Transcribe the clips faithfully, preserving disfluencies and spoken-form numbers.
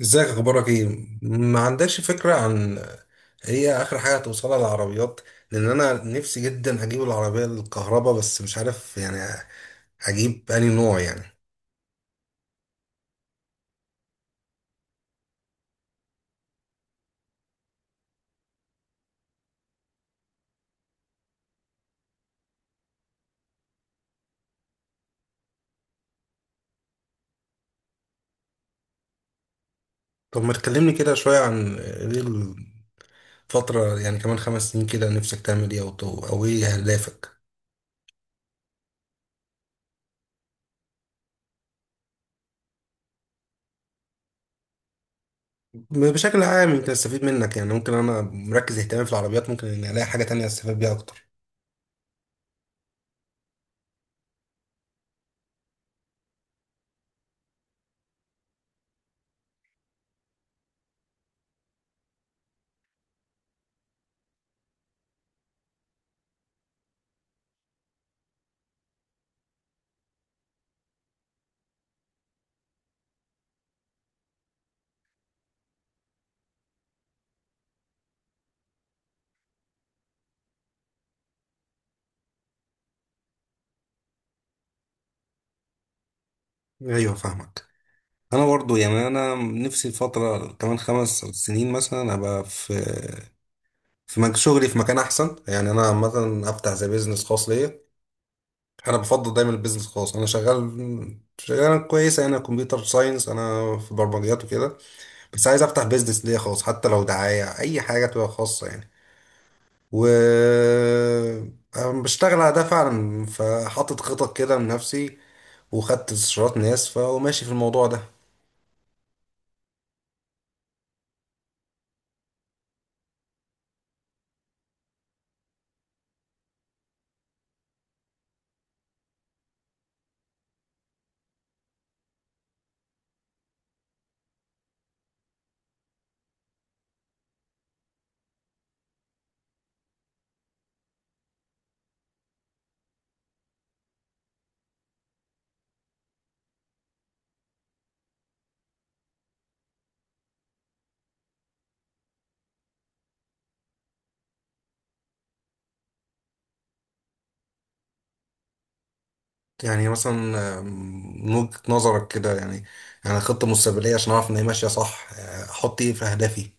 ازيك، اخبارك ايه؟ ما عندكش فكره عن هي اخر حاجه هتوصلها للعربيات؟ لان انا نفسي جدا اجيب العربيه الكهرباء، بس مش عارف يعني اجيب انهي نوع يعني. طب ما تكلمني كده شويه عن ايه الفتره؟ يعني كمان خمس سنين كده نفسك تعمل ايه، او او ايه اهدافك؟ بشكل عام يمكن استفيد منك. يعني ممكن انا مركز اهتمامي في العربيات، ممكن اني الاقي حاجه تانية استفاد بيها اكتر. ايوه، فاهمك. انا برضو يعني انا نفسي الفتره كمان خمس سنين مثلا ابقى في في مك- شغلي في مكان احسن، يعني انا عامه افتح زي بيزنس خاص ليا. انا بفضل دايما البيزنس الخاص، انا شغال شغال كويسه، انا كمبيوتر ساينس، انا في برمجيات وكده. بس عايز افتح بيزنس ليا خاص، حتى لو دعايه اي حاجه تبقى خاصه يعني. و أنا بشتغل على ده فعلا، فحاطط خطط كده لنفسي، وخدت استشارات ناس، فماشي في الموضوع ده. يعني مثلا، آم، من وجهة نظرك كده، يعني يعني خطة مستقبلية عشان أعرف إن هي ماشية صح، آه، أحط إيه في أهدافي؟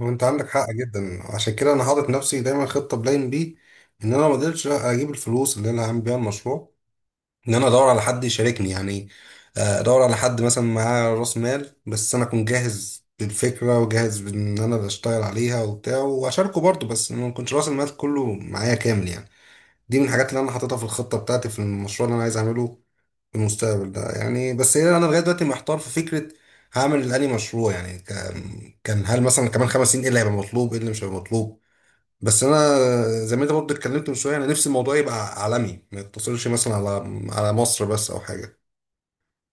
وانت عندك حق جدا، عشان كده انا حاطط نفسي دايما خطه بلاين بي، ان انا ما اقدرش اجيب الفلوس اللي انا هعمل بيها المشروع، ان انا ادور على حد يشاركني يعني. آه، ادور على حد مثلا معاه راس مال، بس انا اكون جاهز بالفكره وجاهز بان انا اللي اشتغل عليها وبتاع، واشاركه برضه، بس ما يكونش راس المال كله معايا كامل يعني. دي من الحاجات اللي انا حاططها في الخطه بتاعتي في المشروع اللي انا عايز اعمله المستقبل ده يعني. بس هي انا لغايه دلوقتي محتار في فكره هعمل الاني مشروع يعني. كان كان هل مثلا كمان خمس سنين ايه اللي هيبقى مطلوب، ايه اللي مش هيبقى مطلوب؟ بس انا، زي ما انت برضه اتكلمت من شويه، انا نفسي الموضوع يبقى عالمي، ما يقتصرش مثلا على على مصر بس او حاجه.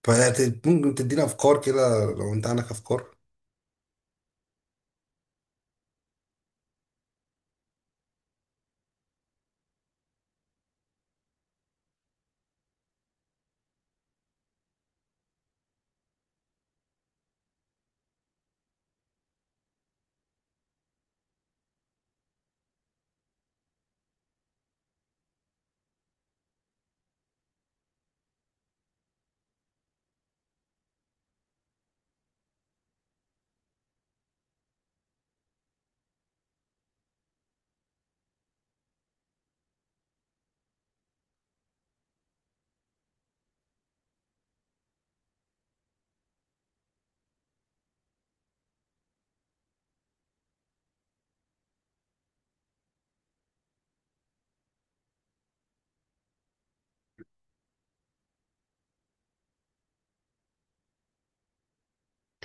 فممكن تدينا افكار كده لو انت عندك افكار.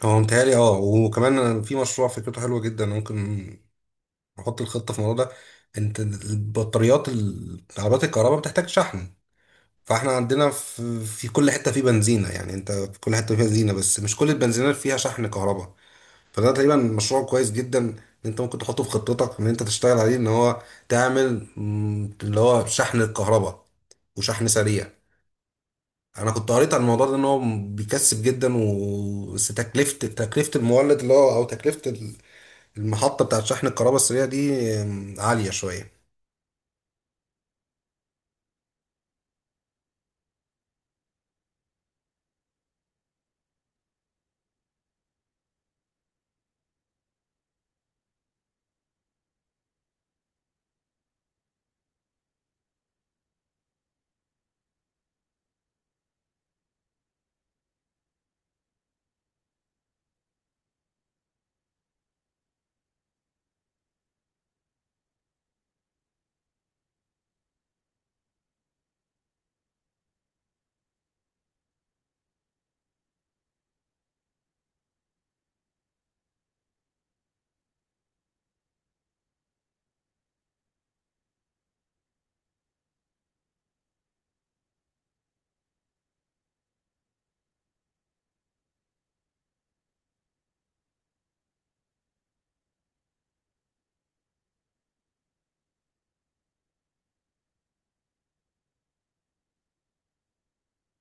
هو متهيألي اه. وكمان أنا في مشروع فكرته حلوه جدا، ممكن نحط الخطه في الموضوع ده. انت البطاريات، ال- عربيات الكهرباء بتحتاج شحن. فاحنا عندنا في, في كل حته في بنزينه، يعني انت في كل حته فيها بنزينه، بس مش كل البنزينات فيها شحن كهرباء. فده تقريبا مشروع كويس جدا، ان انت ممكن تحطه في خطتك، ان انت تشتغل عليه، ان هو تعمل مم، اللي هو شحن الكهرباء، وشحن سريع. انا كنت قريت عن الموضوع ده ان هو بيكسب جدا، و بس تكلفه تكلفه المولد اللي هو، او تكلفه ال- المحطه بتاعت شحن الكهرباء السريع دي مم، عاليه شويه.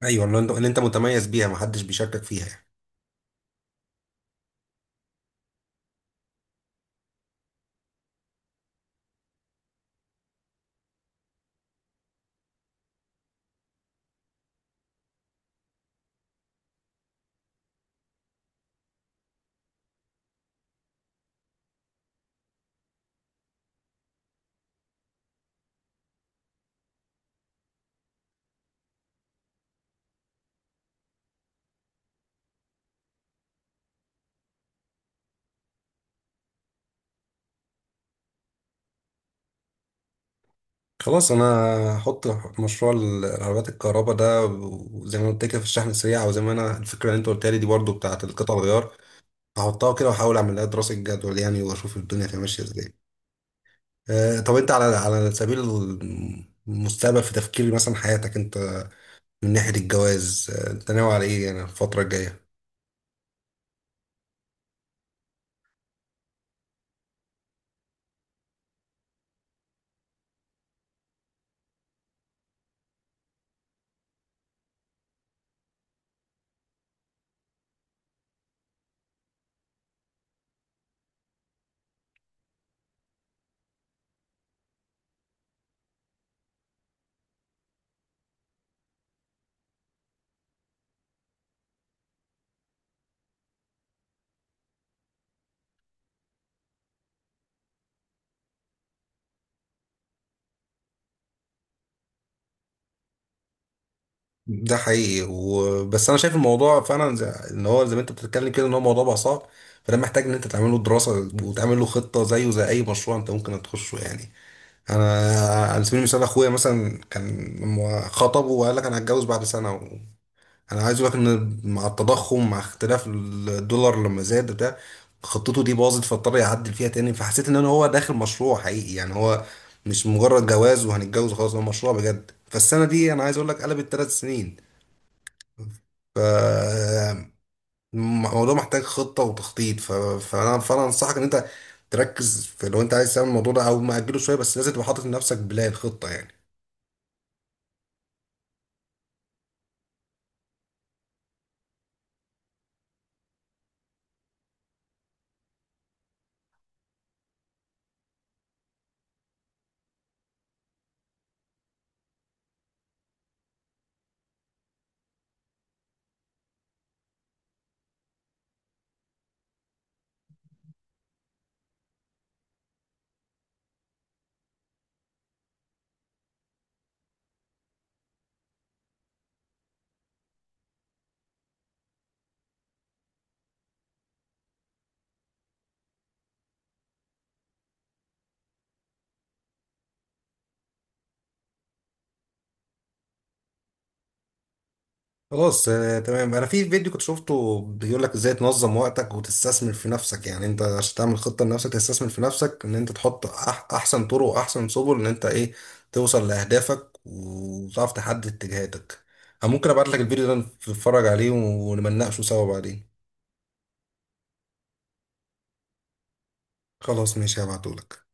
ايوه، اللي انت اللي انت متميز بيها محدش بيشاركك فيها يعني. خلاص، انا هحط مشروع العربيات الكهرباء ده، وزي ما قلت كده في الشحن السريع، وزي ما انا الفكره اللي انت قلت لي دي برضو بتاعه القطع الغيار. هحطها كده واحاول اعمل لها دراسه جدول يعني، واشوف الدنيا تبقى ماشيه ازاي. آه، طب انت، على على سبيل المستقبل، في تفكير مثلا حياتك انت من ناحيه الجواز، آه، انت ناوي على ايه يعني الفتره الجايه؟ ده حقيقي، وبس انا شايف الموضوع فعلا زي ان هو، زي ما انت بتتكلم كده، ان هو موضوع بقى صعب. فده محتاج ان انت تعمل له دراسه وتعمل له خطه، زيه زي اي مشروع انت ممكن تخشه يعني. انا، على سبيل المثال، اخويا مثلا كان لما خطبه وقال لك انا هتجوز بعد سنه، و انا عايز اقول لك ان مع التضخم، مع اختلاف الدولار لما زاد بتاع، خطته دي باظت فاضطر يعدل فيها تاني، فحسيت ان انا هو داخل مشروع حقيقي. يعني هو مش مجرد جواز وهنتجوز خلاص، هو مشروع بجد، فالسنه دي انا عايز اقول لك قلبت ثلاث سنين. ف الموضوع محتاج خطه وتخطيط. ف... فانا فانا انصحك ان انت تركز في، لو انت عايز تعمل الموضوع ده او ماجله شويه، بس لازم تبقى حاطط لنفسك بلان خطه يعني. خلاص، آه، تمام. انا في فيديو كنت شفته بيقول لك ازاي تنظم وقتك وتستثمر في نفسك، يعني انت عشان تعمل خطة لنفسك تستثمر في نفسك ان انت تحط أح احسن طرق واحسن سبل، ان انت ايه توصل لاهدافك وتعرف تحدد اتجاهاتك. انا ممكن ابعت لك الفيديو ده، نتفرج عليه ونمناقشه سوا بعدين. خلاص، ماشي، هبعته لك.